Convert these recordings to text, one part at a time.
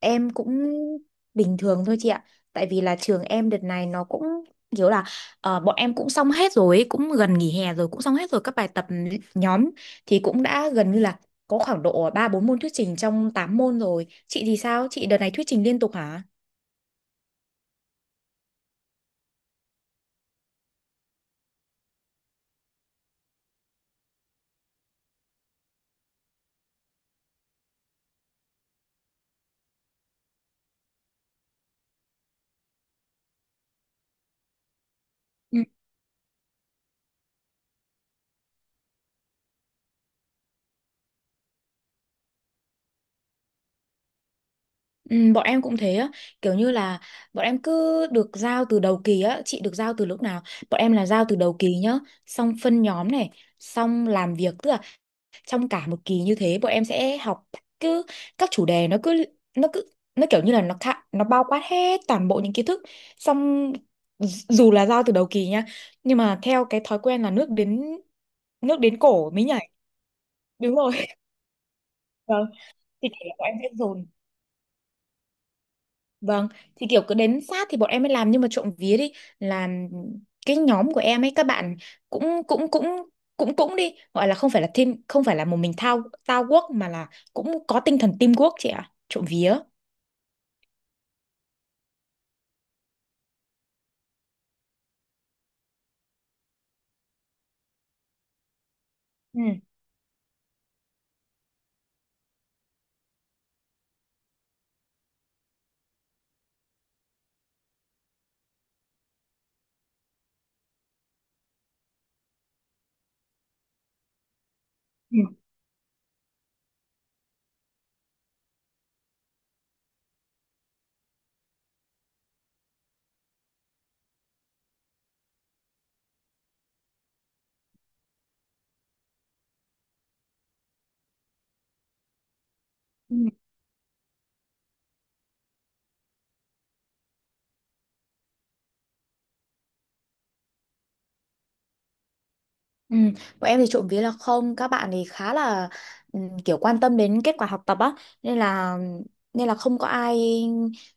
Em cũng bình thường thôi chị ạ. Tại vì là trường em đợt này nó cũng kiểu là bọn em cũng xong hết rồi, ấy, cũng gần nghỉ hè rồi, cũng xong hết rồi các bài tập nhóm thì cũng đã gần như là có khoảng độ 3 4 môn thuyết trình trong 8 môn rồi. Chị thì sao? Chị đợt này thuyết trình liên tục hả? Ừ, ừ, bọn em cũng thế á, kiểu như là bọn em cứ được giao từ đầu kỳ á. Chị được giao từ lúc nào? Bọn em là giao từ đầu kỳ nhá, xong phân nhóm này, xong làm việc, tức là trong cả một kỳ như thế bọn em sẽ học, cứ các chủ đề nó cứ nó kiểu như là nó khá, nó bao quát hết toàn bộ những kiến thức. Xong dù là giao từ đầu kỳ nha, nhưng mà theo cái thói quen là nước đến cổ mới nhảy. Đúng rồi. Vâng, thì kiểu là bọn em sẽ dồn. Vâng, thì kiểu cứ đến sát thì bọn em mới làm, nhưng mà trộm vía đi, là cái nhóm của em ấy các bạn cũng cũng cũng cũng cũng đi, gọi là không phải là team, không phải là một mình thao thao guốc, mà là cũng có tinh thần teamwork chị ạ, trộm vía. Ừ, ừ, ừ. Ừ, bọn em thì trộm vía là không, các bạn thì khá là kiểu quan tâm đến kết quả học tập á, nên là nên là không có ai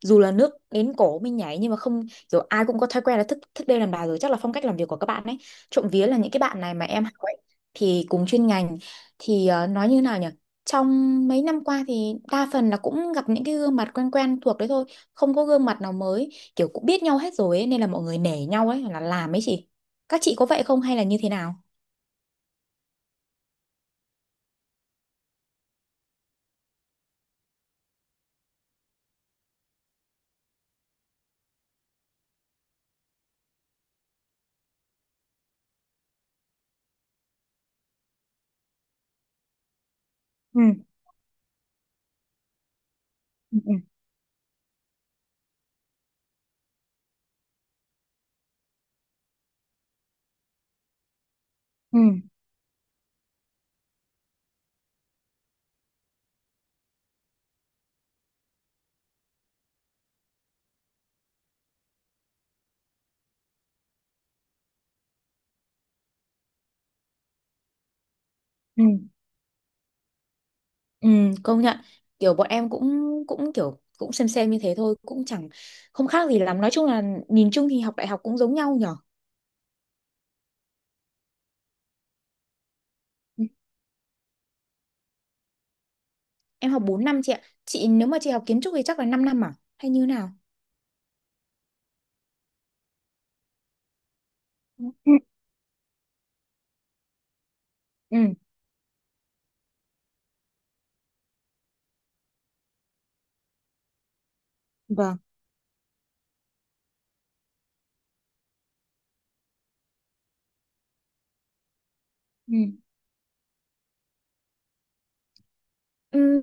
dù là nước đến cổ mình nhảy nhưng mà không, kiểu ai cũng có thói quen là thức thức đêm làm bài, rồi chắc là phong cách làm việc của các bạn ấy, trộm vía, là những cái bạn này mà em học ấy thì cùng chuyên ngành. Thì nói như thế nào nhỉ, trong mấy năm qua thì đa phần là cũng gặp những cái gương mặt quen quen thuộc đấy thôi, không có gương mặt nào mới, kiểu cũng biết nhau hết rồi ấy, nên là mọi người nể nhau ấy là làm ấy chị. Các chị có vậy không hay là như thế nào? Ừ, ừ, ừ, ừ, ừ. Ừ, công nhận, kiểu bọn em cũng cũng kiểu cũng xem như thế thôi, cũng chẳng không khác gì lắm, nói chung là nhìn chung thì học đại học cũng giống nhau nhở. Ừ, em học 4 năm chị ạ. Chị nếu mà chị học kiến trúc thì chắc là 5 năm à, hay như nào? Ừ, ừ, vâng, ừ.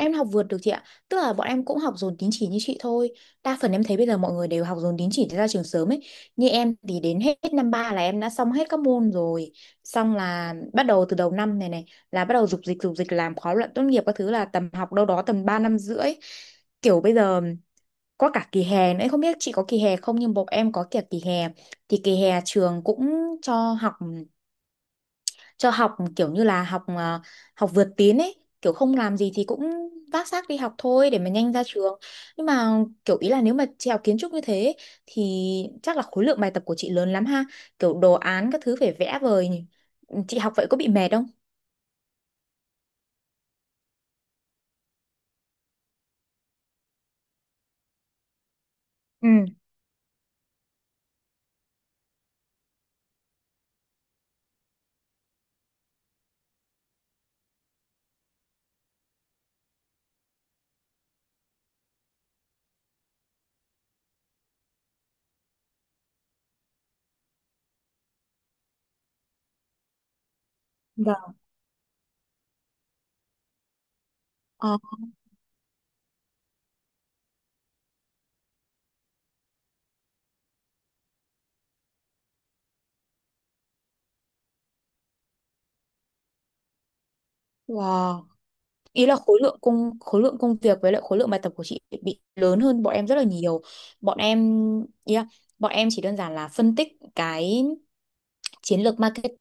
Em học vượt được chị ạ. Tức là bọn em cũng học dồn tín chỉ như chị thôi. Đa phần em thấy bây giờ mọi người đều học dồn tín chỉ để ra trường sớm ấy. Như em thì đến hết năm ba là em đã xong hết các môn rồi. Xong là bắt đầu từ đầu năm này này là bắt đầu dục dịch làm khóa luận tốt nghiệp các thứ, là tầm học đâu đó tầm 3 năm rưỡi. Kiểu bây giờ có cả kỳ hè nữa. Không biết chị có kỳ hè không nhưng bọn em có cả kỳ hè. Thì kỳ hè trường cũng cho học cho học kiểu như là học vượt tiến ấy, kiểu không làm gì thì cũng vác xác đi học thôi để mà nhanh ra trường. Nhưng mà kiểu ý là nếu mà chị học kiến trúc như thế ấy, thì chắc là khối lượng bài tập của chị lớn lắm ha, kiểu đồ án các thứ phải vẽ vời nhỉ. Ừ, chị học vậy có bị mệt không? Ừ, dạ. Ờ, wow. Ý là khối lượng công việc với lại khối lượng bài tập của chị bị lớn hơn bọn em rất là nhiều. Bọn em, yeah, bọn em chỉ đơn giản là phân tích cái chiến lược marketing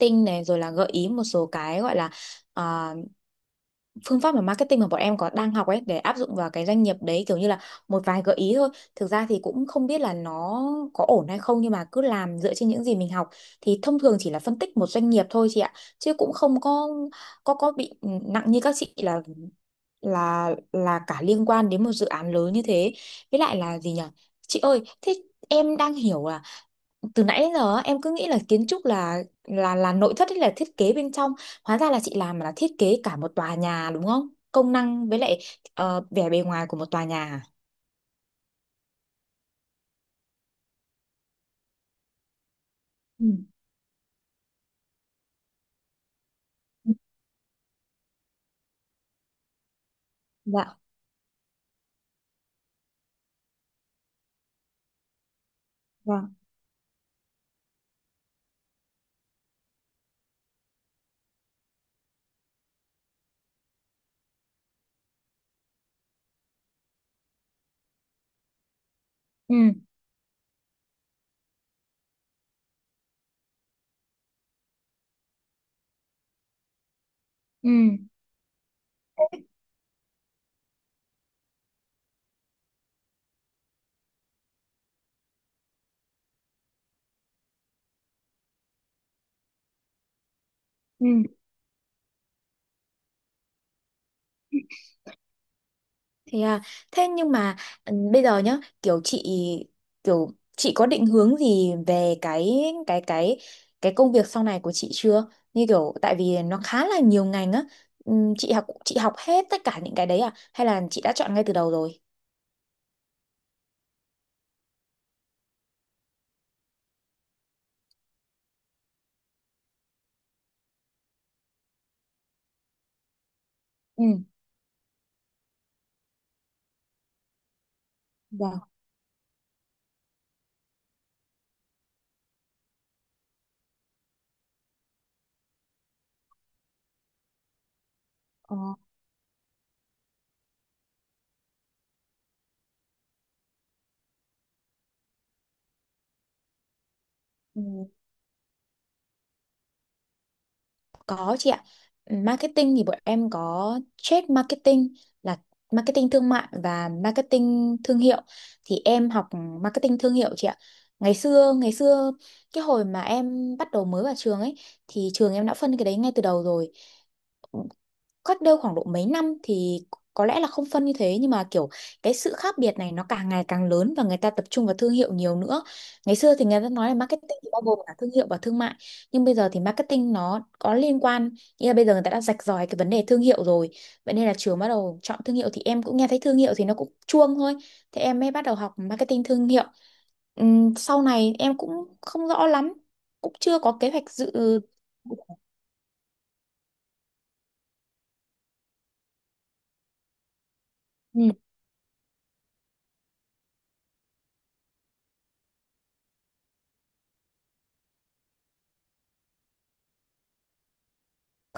marketing này, rồi là gợi ý một số cái, gọi là à, phương pháp mà marketing mà bọn em có đang học ấy, để áp dụng vào cái doanh nghiệp đấy, kiểu như là một vài gợi ý thôi. Thực ra thì cũng không biết là nó có ổn hay không, nhưng mà cứ làm dựa trên những gì mình học, thì thông thường chỉ là phân tích một doanh nghiệp thôi chị ạ, chứ cũng không có có bị nặng như các chị là là cả liên quan đến một dự án lớn như thế. Với lại là gì nhỉ, chị ơi, thế em đang hiểu là từ nãy đến giờ á, em cứ nghĩ là kiến trúc là là nội thất hay là thiết kế bên trong, hóa ra là chị làm là thiết kế cả một tòa nhà đúng không, công năng với lại vẻ bề ngoài của một tòa nhà à? Ừ. Dạ, vâng. Ừ, ừ, ừ. Thế à, thế nhưng mà ừ, bây giờ nhá, kiểu chị có định hướng gì về cái cái cái công việc sau này của chị chưa? Như kiểu tại vì nó khá là nhiều ngành á. Chị học hết tất cả những cái đấy à, hay là chị đã chọn ngay từ đầu rồi? Ừ, dạ. Ờ, ừ. Có chị ạ. Marketing thì bọn em có trade marketing, là marketing thương mại và marketing thương hiệu. Thì em học marketing thương hiệu chị ạ. Ngày xưa cái hồi mà em bắt đầu mới vào trường ấy, thì trường em đã phân cái đấy ngay từ đầu rồi. Cách đây khoảng độ mấy năm thì có lẽ là không phân như thế, nhưng mà kiểu cái sự khác biệt này nó càng ngày càng lớn và người ta tập trung vào thương hiệu nhiều nữa. Ngày xưa thì người ta nói là marketing thì bao gồm cả thương hiệu và thương mại, nhưng bây giờ thì marketing nó có liên quan, nghĩa là bây giờ người ta đã rạch ròi cái vấn đề thương hiệu rồi. Vậy nên là trường bắt đầu chọn thương hiệu thì em cũng nghe thấy thương hiệu thì nó cũng chuông thôi. Thế em mới bắt đầu học marketing thương hiệu. Sau này em cũng không rõ lắm, cũng chưa có kế hoạch dự. Ừ.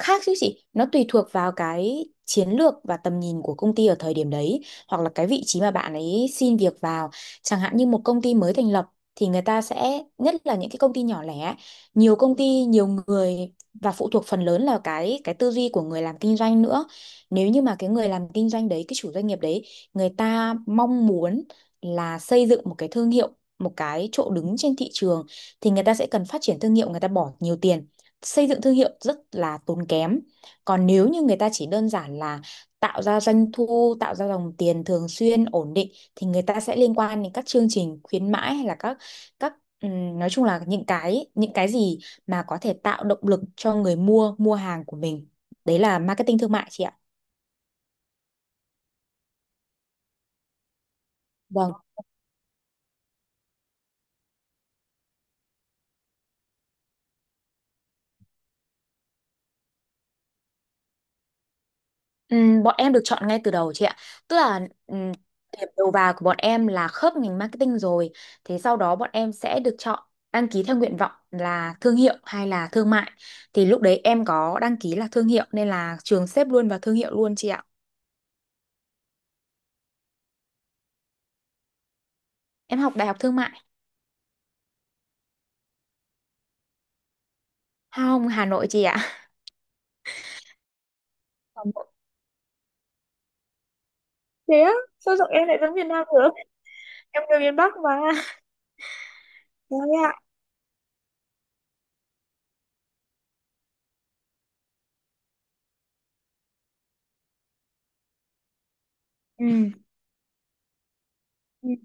Khác chứ chị, nó tùy thuộc vào cái chiến lược và tầm nhìn của công ty ở thời điểm đấy, hoặc là cái vị trí mà bạn ấy xin việc vào. Chẳng hạn như một công ty mới thành lập thì người ta sẽ, nhất là những cái công ty nhỏ lẻ, nhiều công ty nhiều người, và phụ thuộc phần lớn là cái tư duy của người làm kinh doanh nữa. Nếu như mà cái người làm kinh doanh đấy, cái chủ doanh nghiệp đấy, người ta mong muốn là xây dựng một cái thương hiệu, một cái chỗ đứng trên thị trường, thì người ta sẽ cần phát triển thương hiệu, người ta bỏ nhiều tiền xây dựng thương hiệu, rất là tốn kém. Còn nếu như người ta chỉ đơn giản là tạo ra doanh thu, tạo ra dòng tiền thường xuyên ổn định, thì người ta sẽ liên quan đến các chương trình khuyến mãi, hay là các nói chung là những cái gì mà có thể tạo động lực cho người mua mua hàng của mình. Đấy là marketing thương mại chị ạ. Vâng. Bọn em được chọn ngay từ đầu chị ạ. Tức là ừm, điểm đầu vào của bọn em là khớp ngành marketing rồi. Thế sau đó bọn em sẽ được chọn đăng ký theo nguyện vọng là thương hiệu hay là thương mại. Thì lúc đấy em có đăng ký là thương hiệu, nên là trường xếp luôn vào thương hiệu luôn chị ạ. Em học đại học thương mại. Không, Hà Nội chị ạ. Hà Nội. Thế á, sao giọng em lại giống miền Nam được, em người miền Bắc mà. Trời ạ. Ừm.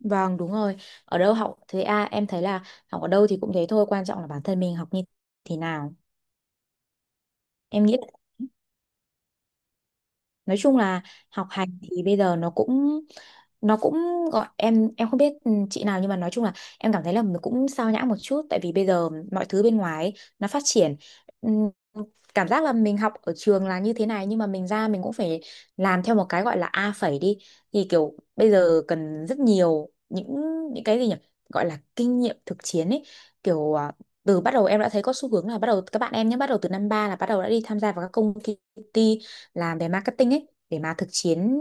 Vâng, đúng rồi. Ở đâu học thì em thấy là học ở đâu thì cũng thế thôi, quan trọng là bản thân mình học như thế nào. Em nghĩ nói chung là học hành thì bây giờ nó cũng gọi, em không biết ừ, chị nào, nhưng mà nói chung là em cảm thấy là mình cũng sao nhãng một chút, tại vì bây giờ mọi thứ bên ngoài ấy, nó phát triển. Ừm, cảm giác là mình học ở trường là như thế này, nhưng mà mình ra mình cũng phải làm theo một cái gọi là A phẩy đi, thì kiểu bây giờ cần rất nhiều những cái gì nhỉ, gọi là kinh nghiệm thực chiến ấy, kiểu à, từ bắt đầu em đã thấy có xu hướng là bắt đầu các bạn em nhé, bắt đầu từ năm ba là bắt đầu đã đi tham gia vào các công ty làm về marketing ấy, để mà thực chiến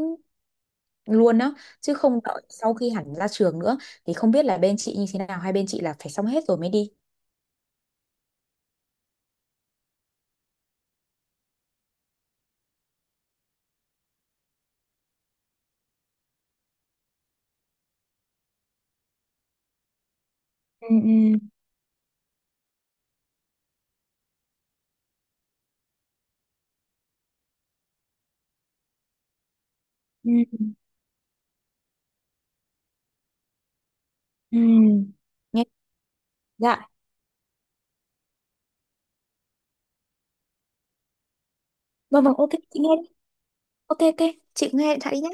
luôn đó, chứ không đợi sau khi hẳn ra trường nữa. Thì không biết là bên chị như thế nào, hay bên chị là phải xong hết rồi mới đi. Ừ, ừ, ừ, ừ. Nhé, dạ, vâng, vâng, ok, chị nghe đi. Ok, ok, chị nghe điện thoại đi nhé.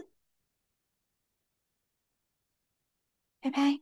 Bye bye.